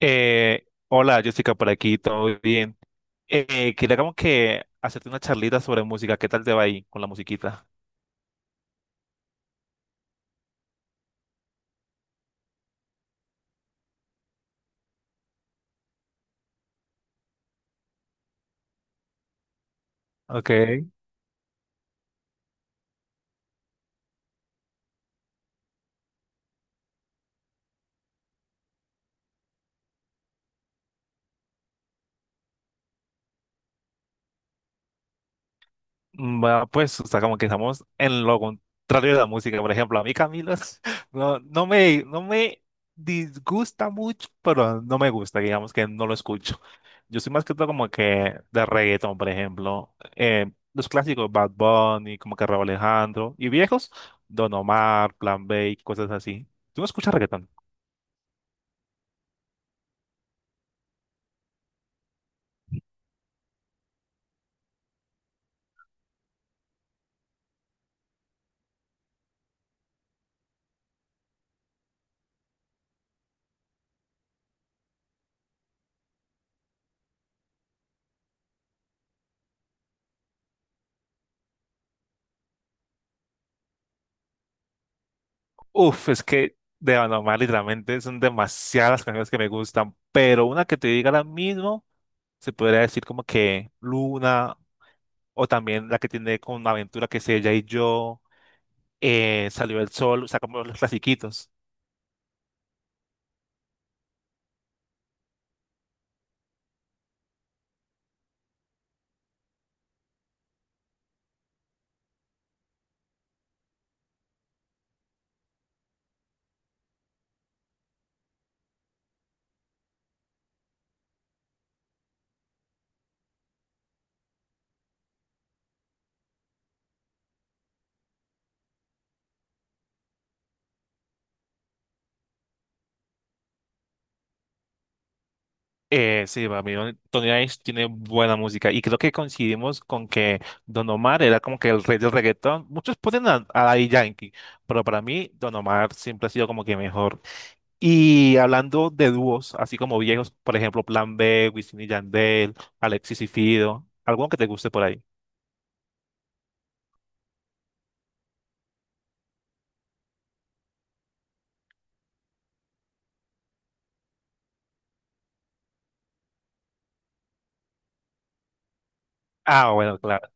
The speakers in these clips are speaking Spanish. Hola, Jessica, por aquí, ¿todo bien? Quería como que hacerte una charlita sobre música. ¿Qué tal te va ahí con la musiquita? Ok. Va, pues, o sea, como que estamos en lo contrario de la música. Por ejemplo, a mí Camilo no me disgusta mucho, pero no me gusta, digamos que no lo escucho. Yo soy más que todo como que de reggaeton, por ejemplo. Los clásicos, Bad Bunny, como que Rauw Alejandro. Y viejos, Don Omar, Plan B, y cosas así. ¿Tú no escuchas reggaeton? Uf, es que de Anomar literalmente son demasiadas canciones que me gustan, pero una que te diga ahora mismo, se podría decir como que Luna, o también la que tiene con Aventura, que es ella y yo, Salió el Sol, o sea, como los clasiquitos. Sí, para mí Tony Ice tiene buena música y creo que coincidimos con que Don Omar era como que el rey del reggaetón. Muchos ponen a Daddy Yankee, pero para mí Don Omar siempre ha sido como que mejor. Y hablando de dúos, así como viejos, por ejemplo, Plan B, Wisin y Yandel, Alexis y Fido, ¿alguno que te guste por ahí? Ah, bueno, claro.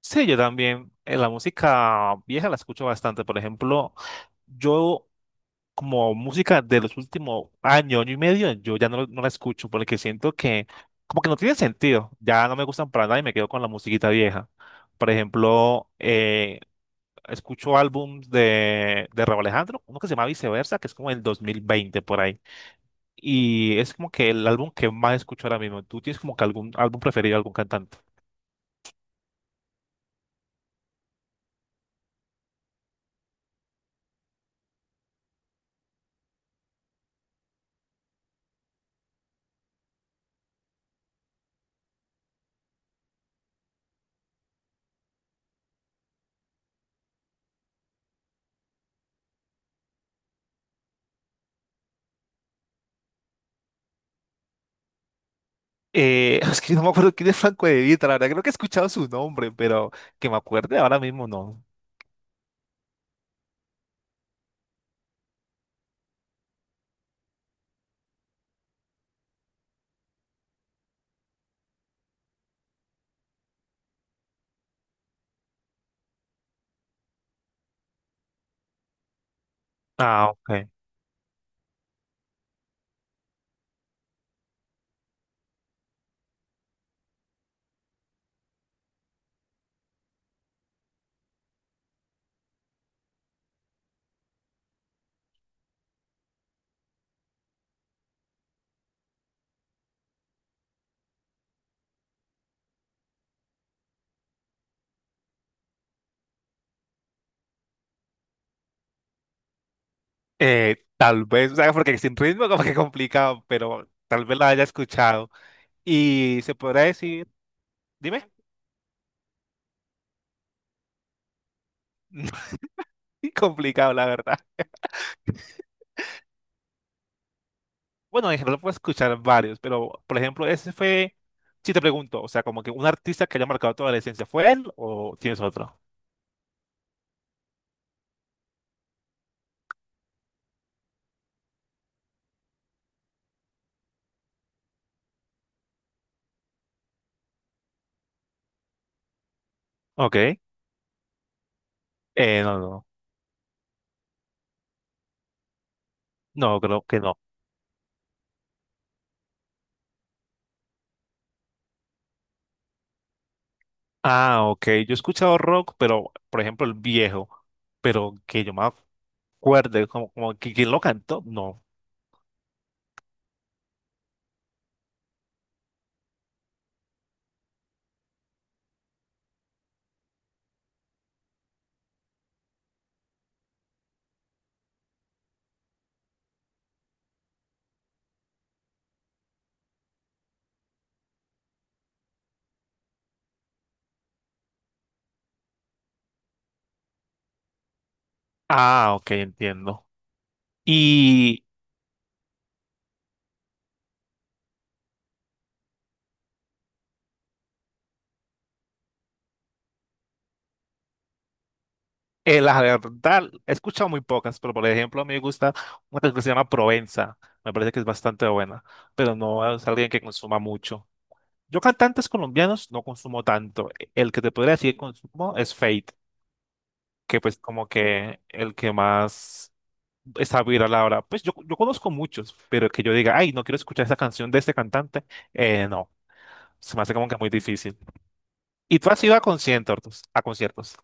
Sí, yo también. La música vieja la escucho bastante. Por ejemplo, yo como música de los últimos años, año y medio, yo ya no la escucho porque siento que como que no tiene sentido. Ya no me gustan para nada y me quedo con la musiquita vieja. Por ejemplo, escucho álbums de Raúl Alejandro, uno que se llama Viceversa, que es como el 2020 por ahí. Y es como que el álbum que más escucho ahora mismo. ¿Tú tienes como que algún álbum preferido de algún cantante? Es que no me acuerdo quién es Franco De Vita, la verdad creo que he escuchado su nombre, pero que me acuerde ahora mismo no. Ah, ok. Tal vez, o sea, porque sin ritmo como que complicado, pero tal vez la haya escuchado. Y se podrá decir, dime, complicado la verdad. Bueno, en general puedo escuchar varios, pero por ejemplo, ese fue, si te pregunto, o sea, como que un artista que haya marcado toda la esencia, ¿fue él o tienes otro? Ok. No, no, no, creo que no. Ah, ok. Yo he escuchado rock, pero por ejemplo, el viejo, pero que yo me acuerde, como que quién lo cantó, no. Ah, ok, entiendo. Y la verdad, he escuchado muy pocas, pero por ejemplo, a mí me gusta una canción que se llama Provenza, me parece que es bastante buena, pero no es alguien que consuma mucho. Yo cantantes colombianos no consumo tanto. El que te podría decir que consumo es Fate, que pues como que el que más está viral ahora. Pues yo conozco muchos, pero que yo diga, ay, no quiero escuchar esa canción de este cantante, no, se me hace como que muy difícil. ¿Y tú has ido a conciertos? A conciertos.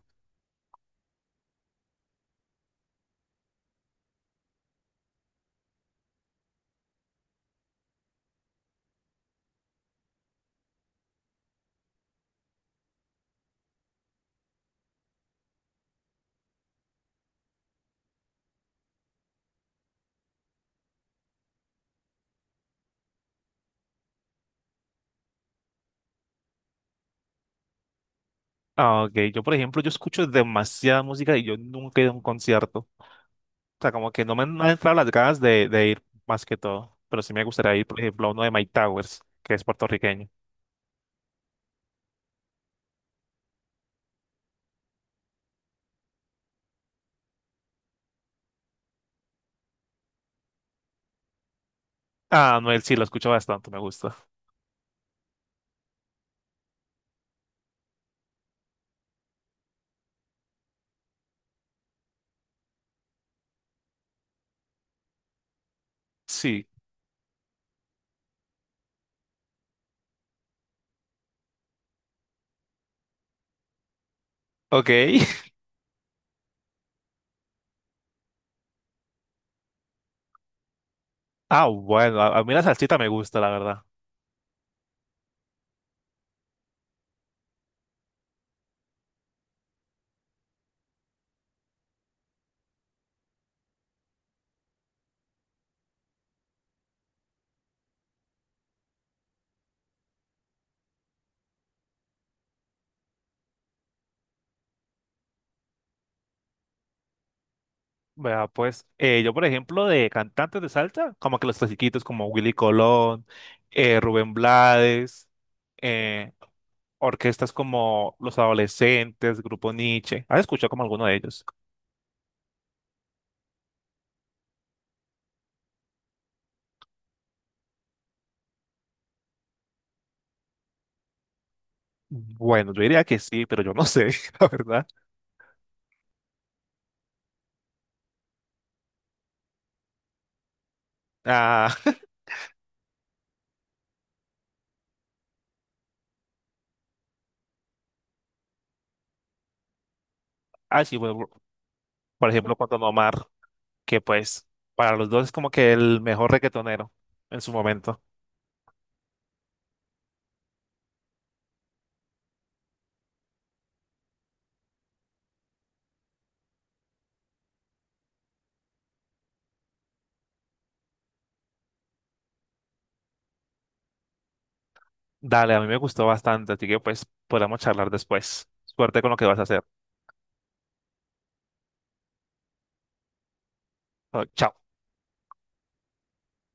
Ah, ok, yo por ejemplo, yo escucho demasiada música y yo nunca he ido a un concierto. O sea, como que no me han no han entrado las ganas de ir más que todo, pero sí me gustaría ir, por ejemplo, a uno de Mike Towers, que es puertorriqueño. Ah, Noel, sí, lo escucho bastante, me gusta. Sí, ok. Ah, bueno, a mí la salsita me gusta, la verdad. Vea, pues, yo, por ejemplo, de cantantes de salsa, como que los clasiquitos como Willy Colón, Rubén Blades, eh, orquestas como Los Adolescentes, Grupo Nietzsche. ¿Has escuchado como alguno de ellos? Bueno, yo diría que sí, pero yo no sé, la verdad. Ah, ah, sí, bueno, por ejemplo, con Don Omar, que pues, para los dos es como que el mejor reggaetonero en su momento. Dale, a mí me gustó bastante, así que pues podamos charlar después. Suerte con lo que vas a hacer. Oh, chao.